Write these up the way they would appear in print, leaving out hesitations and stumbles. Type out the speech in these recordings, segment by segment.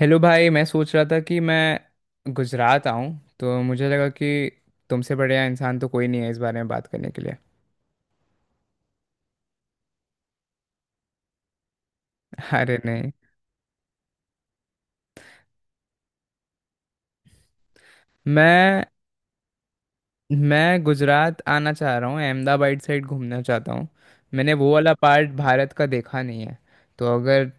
Hello भाई, मैं सोच रहा था कि मैं गुजरात आऊं, तो मुझे लगा कि तुमसे बढ़िया इंसान तो कोई नहीं है इस बारे में बात करने के लिए। अरे नहीं, मैं मैं गुजरात आना चाह रहा हूँ, अहमदाबाद साइड घूमना चाहता हूँ। मैंने वो वाला पार्ट भारत का देखा नहीं है। तो अगर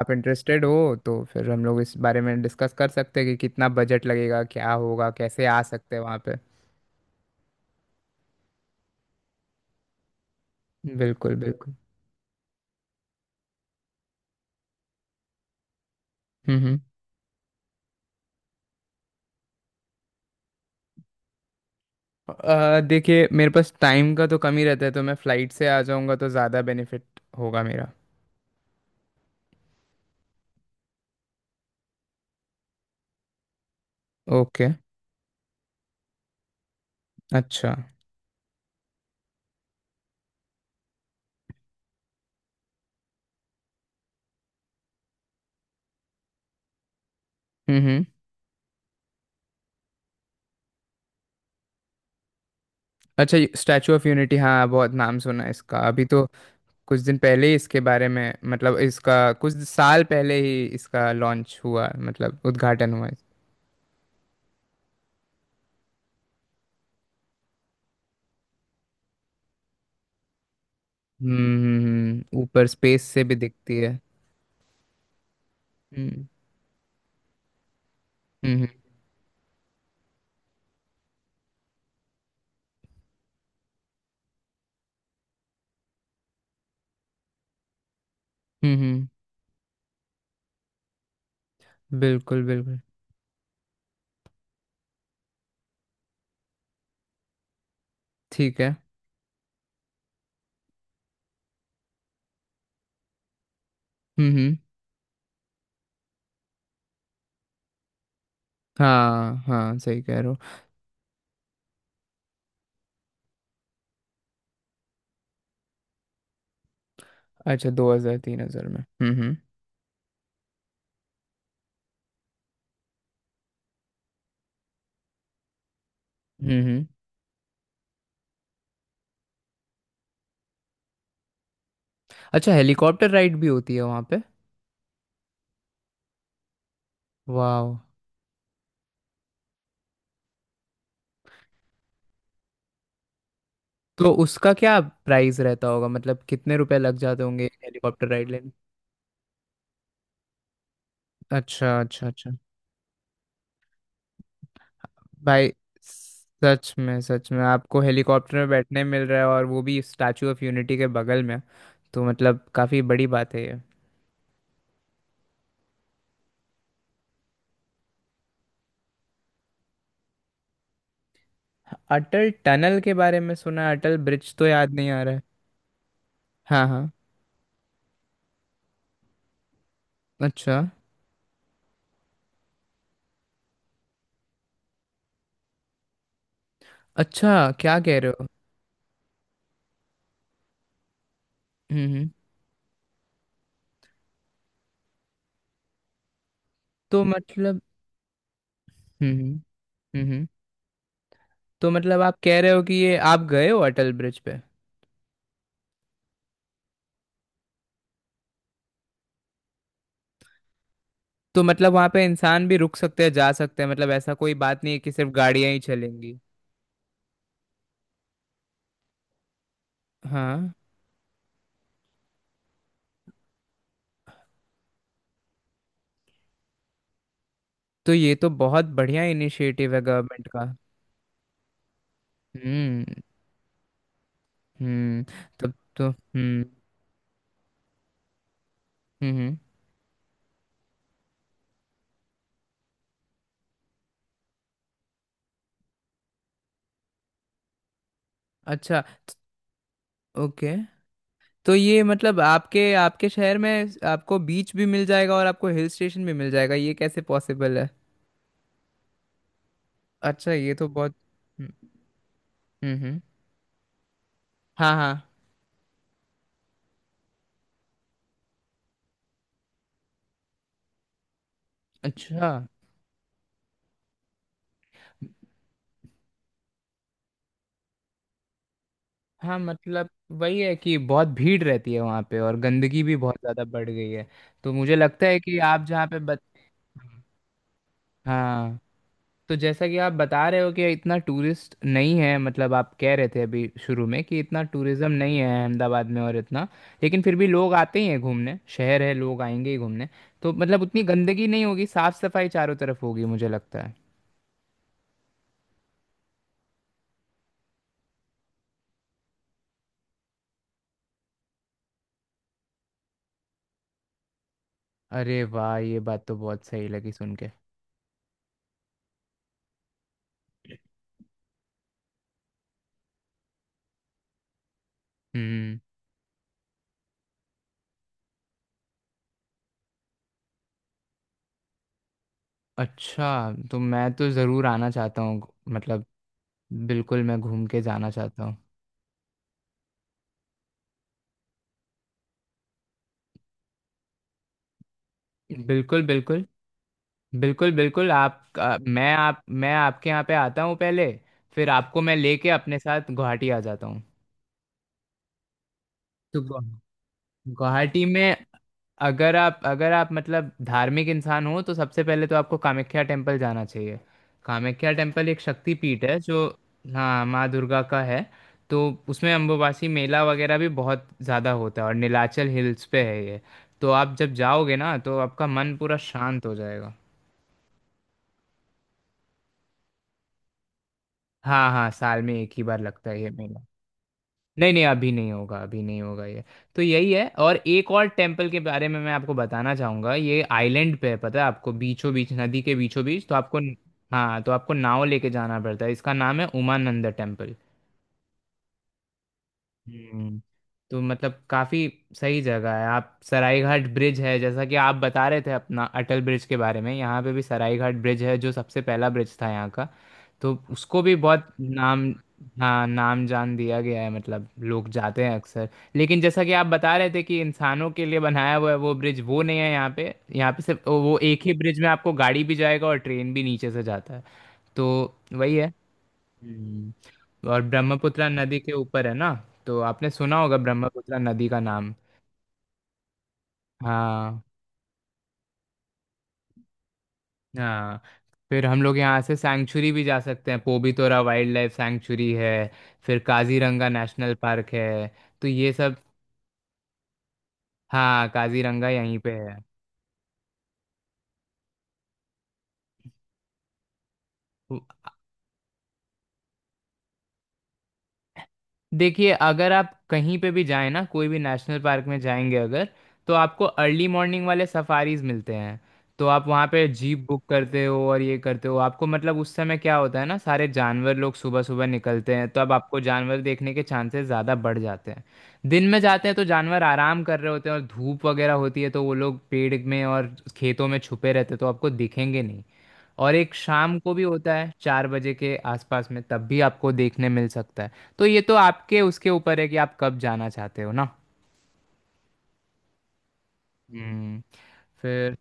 आप इंटरेस्टेड हो तो फिर हम लोग इस बारे में डिस्कस कर सकते हैं कि कितना बजट लगेगा, क्या होगा, कैसे आ सकते हैं वहाँ पे। बिल्कुल बिल्कुल। हम्म। देखिए, मेरे पास टाइम का तो कम ही रहता है, तो मैं फ्लाइट से आ जाऊंगा तो ज़्यादा बेनिफिट होगा मेरा। ओके। अच्छा। हम्म। अच्छा, स्टैचू ऑफ यूनिटी, हाँ बहुत नाम सुना है इसका। अभी तो कुछ दिन पहले ही इसके बारे में, मतलब इसका कुछ साल पहले ही इसका लॉन्च हुआ, मतलब उद्घाटन हुआ हम्म ऊपर स्पेस से भी दिखती है। हम्म हम्म। हम्म, हम्म। बिल्कुल बिल्कुल। ठीक है। हम्म। हाँ हाँ, सही कह रहे हो। अच्छा, 2 हजार 3 हजार में। हम्म। हम्म हम्म। अच्छा, हेलीकॉप्टर राइड भी होती है वहाँ पे। वाह। तो उसका क्या प्राइस रहता होगा, मतलब कितने रुपए लग जाते होंगे हेलीकॉप्टर राइड लेने। अच्छा अच्छा अच्छा। भाई, सच में आपको हेलीकॉप्टर में बैठने मिल रहा है और वो भी स्टैचू ऑफ यूनिटी के बगल में, तो मतलब काफ़ी बड़ी बात है ये। अटल टनल के बारे में सुना है, अटल ब्रिज तो याद नहीं आ रहा है। हाँ हाँ। अच्छा। अच्छा, क्या कह रहे हो। हम्म हम्म। तो मतलब। हम्म। हम्म। तो मतलब आप कह रहे हो कि ये आप गए हो अटल ब्रिज पे। तो मतलब वहां पे इंसान भी रुक सकते हैं, जा सकते हैं, मतलब ऐसा कोई बात नहीं है कि सिर्फ गाड़ियां ही चलेंगी। हाँ। तो ये तो बहुत बढ़िया इनिशिएटिव है गवर्नमेंट का। हम्म हम्म। तब तो हम्म। हम्म। अच्छा ओके। तो ये मतलब आपके आपके शहर में आपको बीच भी मिल जाएगा और आपको हिल स्टेशन भी मिल जाएगा, ये कैसे पॉसिबल है? अच्छा, ये तो बहुत। हम्म। हम्म हम्म। हाँ हाँ। अच्छा। हाँ मतलब वही है कि बहुत भीड़ रहती है वहाँ पे और गंदगी भी बहुत ज़्यादा बढ़ गई है, तो मुझे लगता है कि आप जहाँ पे बत। हाँ। तो जैसा कि आप बता रहे हो कि इतना टूरिस्ट नहीं है, मतलब आप कह रहे थे अभी शुरू में कि इतना टूरिज्म नहीं है अहमदाबाद में, और इतना लेकिन फिर भी लोग आते ही हैं घूमने, शहर है लोग आएंगे ही घूमने। तो मतलब उतनी गंदगी नहीं होगी, साफ सफाई चारों तरफ होगी मुझे लगता है। अरे वाह, ये बात तो बहुत सही लगी सुन के। हम्म। अच्छा, तो मैं तो ज़रूर आना चाहता हूँ, मतलब बिल्कुल मैं घूम के जाना चाहता हूँ। बिल्कुल बिल्कुल। बिल्कुल बिल्कुल, आप आ, मैं आप मैं आपके यहाँ पे आता हूँ पहले, फिर आपको मैं लेके अपने साथ गुवाहाटी आ जाता हूँ। तो गुवाहाटी में अगर आप मतलब धार्मिक इंसान हो, तो सबसे पहले तो आपको कामाख्या टेम्पल जाना चाहिए। कामाख्या टेम्पल एक शक्ति पीठ है जो, हाँ, माँ दुर्गा का है। तो उसमें अम्बुबासी मेला वगैरह भी बहुत ज़्यादा होता है और नीलाचल हिल्स पे है ये। तो आप जब जाओगे ना तो आपका मन पूरा शांत हो जाएगा। हाँ हाँ, साल में एक ही बार लगता है ये मेला। नहीं नहीं, अभी नहीं होगा, अभी नहीं होगा ये। तो यही है, और एक और टेम्पल के बारे में मैं आपको बताना चाहूंगा। ये आइलैंड पे है, पता है आपको, बीचों बीच नदी के बीचों बीच, तो आपको, हाँ, तो आपको नाव लेके जाना पड़ता है। इसका नाम है उमानंद टेम्पल। हम्म। तो मतलब काफी सही जगह है। आप, सरायघाट ब्रिज है, जैसा कि आप बता रहे थे अपना अटल ब्रिज के बारे में, यहाँ पे भी सरायघाट ब्रिज है जो सबसे पहला ब्रिज था यहाँ का। तो उसको भी बहुत नाम, हाँ, नाम जान दिया गया है, मतलब लोग जाते हैं अक्सर। लेकिन जैसा कि आप बता रहे थे कि इंसानों के लिए बनाया हुआ है वो ब्रिज, वो नहीं है यहाँ पे। यहाँ पे सिर्फ वो एक ही ब्रिज में आपको गाड़ी भी जाएगा और ट्रेन भी नीचे से जाता है। तो वही है। हम्म। और ब्रह्मपुत्र नदी के ऊपर है ना, तो आपने सुना होगा ब्रह्मपुत्र नदी का नाम। हाँ हाँ। फिर हम लोग यहाँ से सैंक्चुरी भी जा सकते हैं, पोबितोरा वाइल्ड लाइफ सैंक्चुरी है, फिर काजीरंगा नेशनल पार्क है, तो ये सब। हाँ, काजीरंगा यहीं पे है। देखिए, अगर आप कहीं पे भी जाएं ना, कोई भी नेशनल पार्क में जाएंगे अगर, तो आपको अर्ली मॉर्निंग वाले सफारीज मिलते हैं। तो आप वहाँ पे जीप बुक करते हो और ये करते हो। आपको मतलब, उस समय क्या होता है ना, सारे जानवर लोग सुबह सुबह निकलते हैं, तो अब आपको जानवर देखने के चांसेस ज़्यादा बढ़ जाते हैं। दिन में जाते हैं तो जानवर आराम कर रहे होते हैं और धूप वगैरह होती है तो वो लोग पेड़ में और खेतों में छुपे रहते हैं, तो आपको दिखेंगे नहीं। और एक शाम को भी होता है 4 बजे के आसपास में, तब भी आपको देखने मिल सकता है। तो ये तो आपके उसके ऊपर है कि आप कब जाना चाहते हो ना। हम्म। फिर,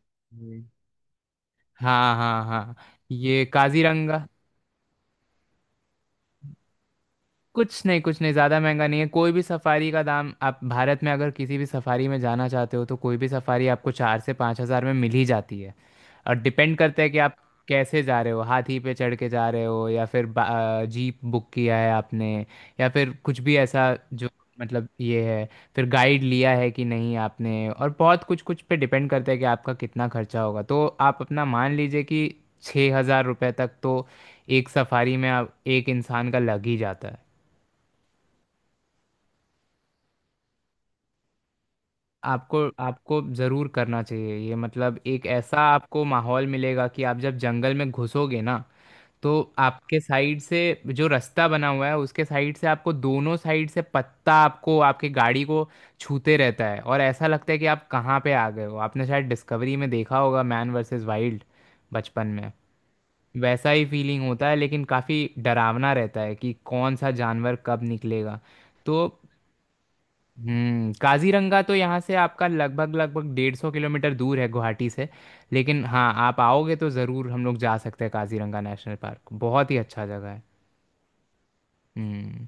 हाँ हाँ हाँ, ये काजीरंगा। कुछ नहीं कुछ नहीं, ज़्यादा महंगा नहीं है। कोई भी सफारी का दाम, आप भारत में अगर किसी भी सफारी में जाना चाहते हो, तो कोई भी सफारी आपको 4 से 5 हज़ार में मिल ही जाती है। और डिपेंड करता है कि आप कैसे जा रहे हो, हाथी पे चढ़ के जा रहे हो, या फिर जीप बुक किया है आपने, या फिर कुछ भी ऐसा जो मतलब ये है। फिर गाइड लिया है कि नहीं आपने, और बहुत कुछ कुछ पे डिपेंड करता है कि आपका कितना खर्चा होगा। तो आप अपना मान लीजिए कि 6 हज़ार रुपये तक तो एक सफारी में आप, एक इंसान का लग ही जाता है। आपको, आपको ज़रूर करना चाहिए ये। मतलब एक ऐसा आपको माहौल मिलेगा कि आप जब जंगल में घुसोगे ना, तो आपके साइड से, जो रास्ता बना हुआ है उसके साइड से, आपको दोनों साइड से पत्ता आपको आपके गाड़ी को छूते रहता है, और ऐसा लगता है कि आप कहाँ पे आ गए हो। आपने शायद डिस्कवरी में देखा होगा मैन वर्सेस वाइल्ड बचपन में, वैसा ही फीलिंग होता है। लेकिन काफ़ी डरावना रहता है कि कौन सा जानवर कब निकलेगा। तो हम्म। काजीरंगा तो यहाँ से आपका लगभग लगभग 150 किलोमीटर दूर है गुवाहाटी से, लेकिन हाँ, आप आओगे तो ज़रूर हम लोग जा सकते हैं। काजीरंगा नेशनल पार्क बहुत ही अच्छा जगह है। हम्म।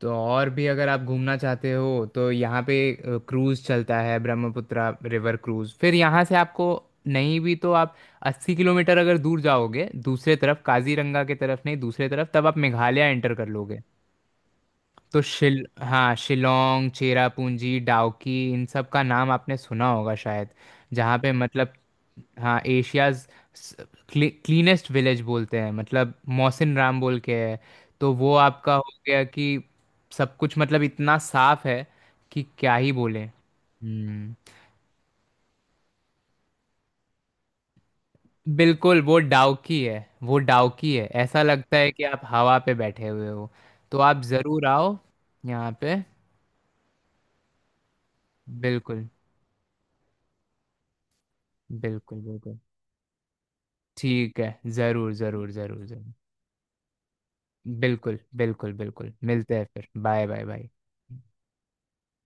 तो और भी अगर आप घूमना चाहते हो तो यहाँ पे क्रूज़ चलता है, ब्रह्मपुत्रा रिवर क्रूज़। फिर यहाँ से आपको, नहीं भी तो आप 80 किलोमीटर अगर दूर जाओगे दूसरे तरफ, काजीरंगा के तरफ नहीं, दूसरे तरफ, तब आप मेघालय एंटर कर लोगे। तो शिल हाँ, शिलोंग, चेरापूंजी, डाउकी, इन सब का नाम आपने सुना होगा शायद। जहाँ पे मतलब, हाँ, एशियाज क्लीनेस्ट विलेज बोलते हैं, मतलब मोहसिन राम बोल के है। तो वो आपका हो गया कि सब कुछ मतलब इतना साफ है कि क्या ही बोले। हम्म। बिल्कुल, वो डाउकी है। वो डाउकी है, ऐसा लगता है कि आप हवा पे बैठे हुए हो। तो आप ज़रूर आओ यहाँ पे। बिल्कुल बिल्कुल बिल्कुल। ठीक है। ज़रूर ज़रूर ज़रूर ज़रूर। बिल्कुल बिल्कुल बिल्कुल, मिलते हैं फिर। Bye bye bye.